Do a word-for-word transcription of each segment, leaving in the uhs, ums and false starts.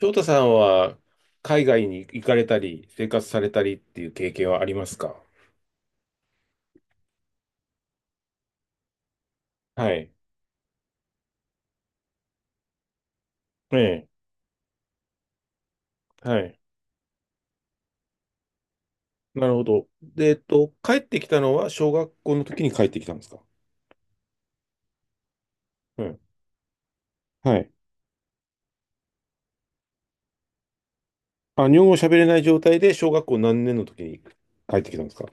翔太さんは海外に行かれたり、生活されたりっていう経験はありますか？はい。ええ。はい。なるほど。で、えっと、帰ってきたのは小学校の時に帰ってきたんですか？うん。はい。あ、日本語喋れない状態で小学校何年の時に帰ってきたんですか？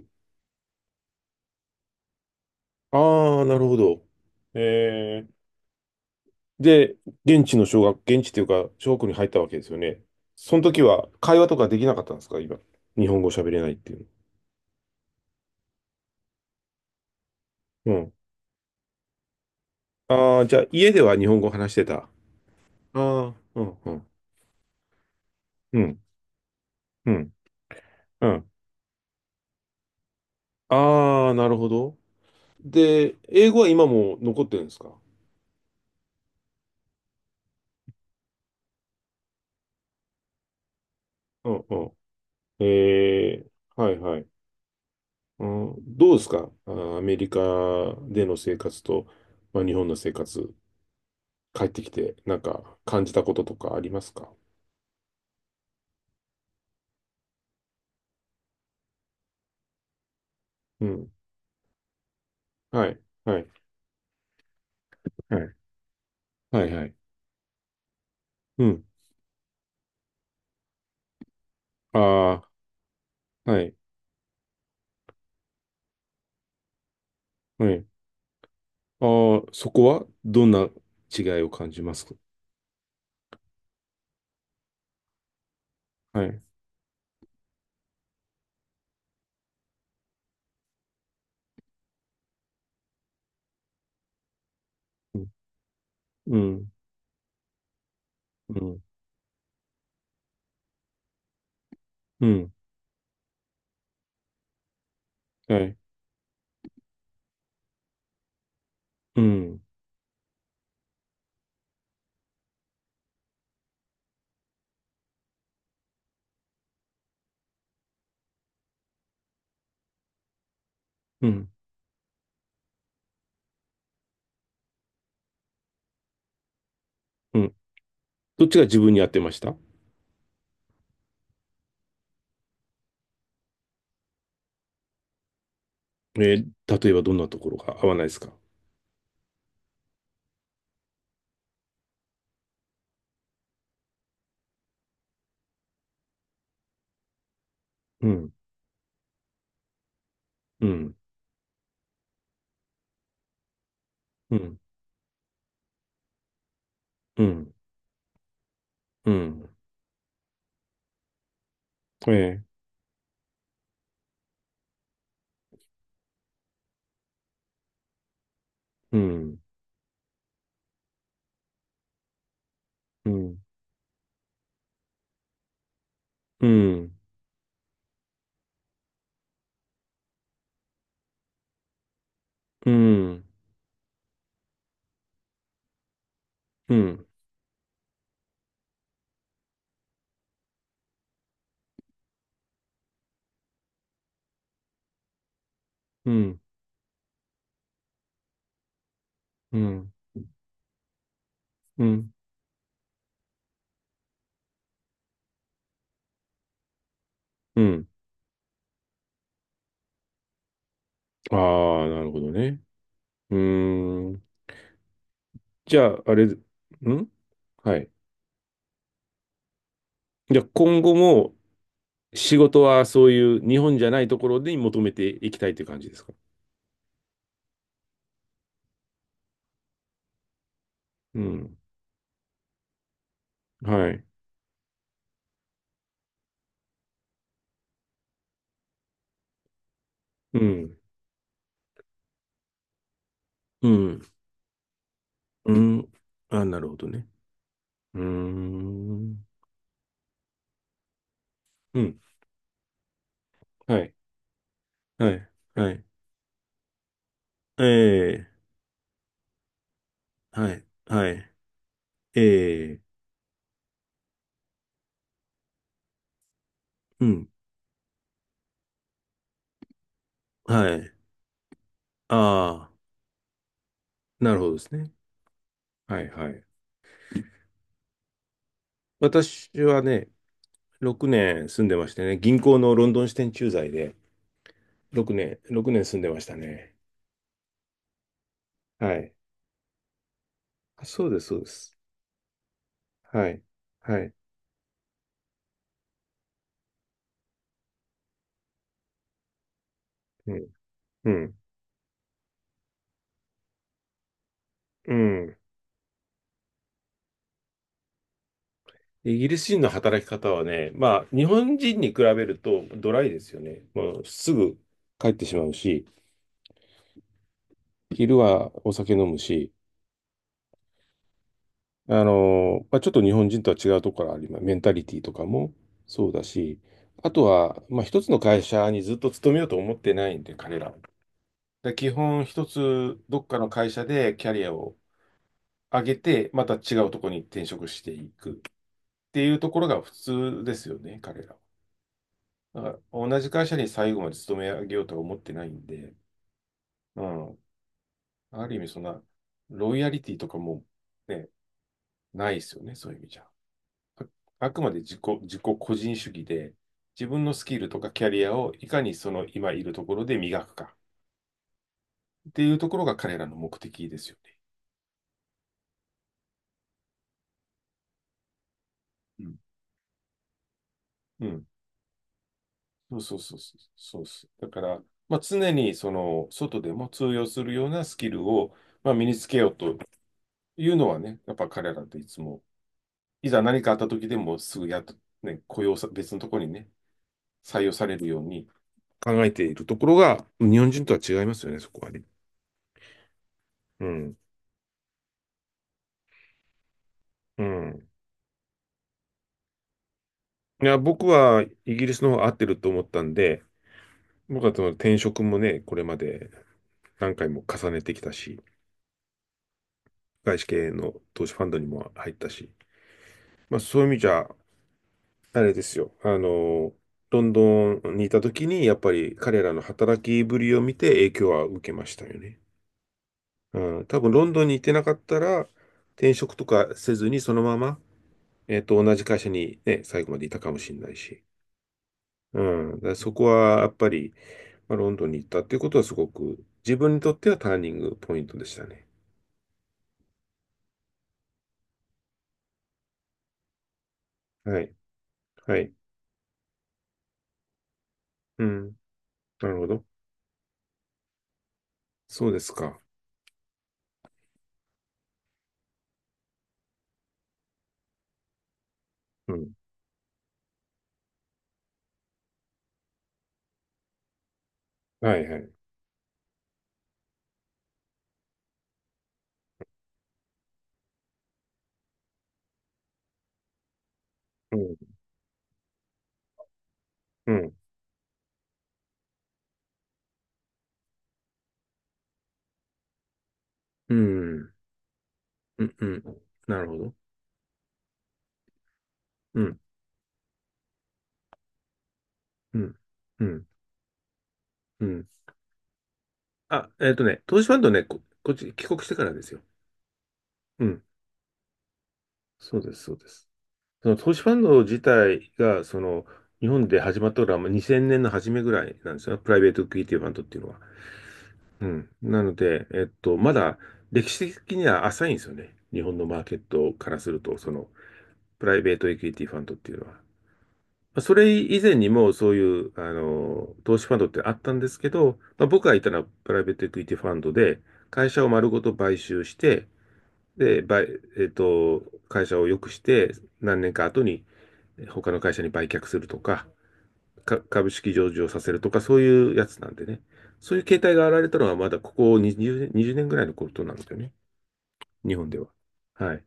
ああー、なるほど。ええ。で、現地の小学、現地というか、小学校に入ったわけですよね。その時は会話とかできなかったんですか、今？日本語喋れないっていうの。うん。ああ、じゃあ家では日本語話してた。ああ、うん、うん、うん、うん、うん。ああ、なるほど。で、英語は今も残ってるんですか？うん、うん。えー、はい、はい。うん、どうですか、あー、アメリカでの生活と、まあ、日本の生活、帰ってきて、なんか感じたこととかありますか？うん。はい、はい、はい、はい、はい。うん。ああ、はい、はい。ああ、そこはどんな違いを感じますか？はい。うん、うん、うん、うん。はい、うん、うん、うん。どっちが自分に合ってました？えー。例えばどんなところが合わないですか？うん、うん、うん、うん、うん。ええ、うん、うん、うん、うん、うん、うん、うん、うん、うん。ああ、なるほどね。うーん。じゃあ、あれ、ん、はい。じゃあ、今後も仕事はそういう日本じゃないところに求めていきたいという感じですか？うん。はい。うん。うん。うん。あ、なるほどね。うーん。うん。はい。はい。はい。ええ。はい。はい。ええ。うん。はい。ああ、なるほどですね。はいはい。私はね、ろくねん住んでましてね、銀行のロンドン支店駐在でろくねん、ろくねん住んでましたね。はい。あ、そうです、そうです。はい。はい。うん。うん。イギリス人の働き方はね、まあ、日本人に比べるとドライですよね。もうすぐ帰ってしまうし、昼はお酒飲むし、あのまあ、ちょっと日本人とは違うところがあります。メンタリティとかもそうだし、あとは、まあ、一つの会社にずっと勤めようと思ってないんで、彼らは。で、基本一つどっかの会社でキャリアを上げて、また違うところに転職していくっていうところが普通ですよね、彼らは。だから同じ会社に最後まで勤め上げようとは思ってないんで、うん。ある意味、そんな、ロイヤリティとかも、ね、ないですよね、そういう意味じゃ。あ、あくまで自己、自己個人主義で、自分のスキルとかキャリアをいかにその今いるところで磨くかっていうところが彼らの目的ですよね。うん。うん。そうそうそうそう。そうです。だから、まあ、常にその外でも通用するようなスキルを、まあ、身につけようというのはね、やっぱ彼らっていつもいざ何かあった時でもすぐやっと、ね、雇用さ、別のところにね、採用されるように。考えているところが、日本人とは違いますよね、そこはね。うん。うん。いや、僕はイギリスの方が合ってると思ったんで、僕はその転職もね、これまで何回も重ねてきたし、外資系の投資ファンドにも入ったし、まあそういう意味じゃ、あれですよ、あの、ロンドンにいた時に、やっぱり彼らの働きぶりを見て影響は受けましたよね。うん、多分ロンドンに行ってなかったら、転職とかせずにそのまま、えっと、同じ会社にね、最後までいたかもしれないし。うん、だからそこはやっぱり、まあ、ロンドンに行ったっていうことはすごく自分にとってはターニングポイントでしたね。はい。はい。うん。なるほど。そうですか。うん。はいはい。うん。うん。うん。うん。うん、なるほど。うん。うん。うん。うん。あ、えっとね、投資ファンドね、こ、こっち帰国してからですよ。うん。そうです、そうです。その投資ファンド自体が、その、日本で始まったのはまあにせんねんの初めぐらいなんですよ。プライベートクイティファンドっていうのは。うん。なので、えっと、まだ歴史的には浅いんですよね。日本のマーケットからすると、その、プライベートエクイティファンドっていうのは。まあそれ以前にもそういう、あの、投資ファンドってあったんですけど、まあ、僕がいたのはプライベートエクイティファンドで、会社を丸ごと買収して、で、買えっと、会社を良くして、何年か後に、他の会社に売却するとか、か株式上場させるとか、そういうやつなんでね。そういう形態が現れたのはまだここにじゅう、にじゅうねんぐらいのことなんですよね。日本では。はい。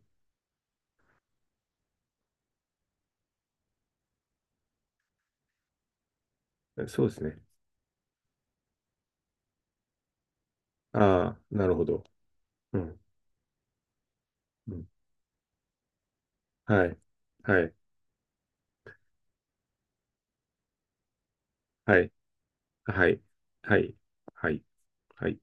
そうですね。ああ、なるほど。うん。うん。はい。はい。はい。はい。はい。はい。はい。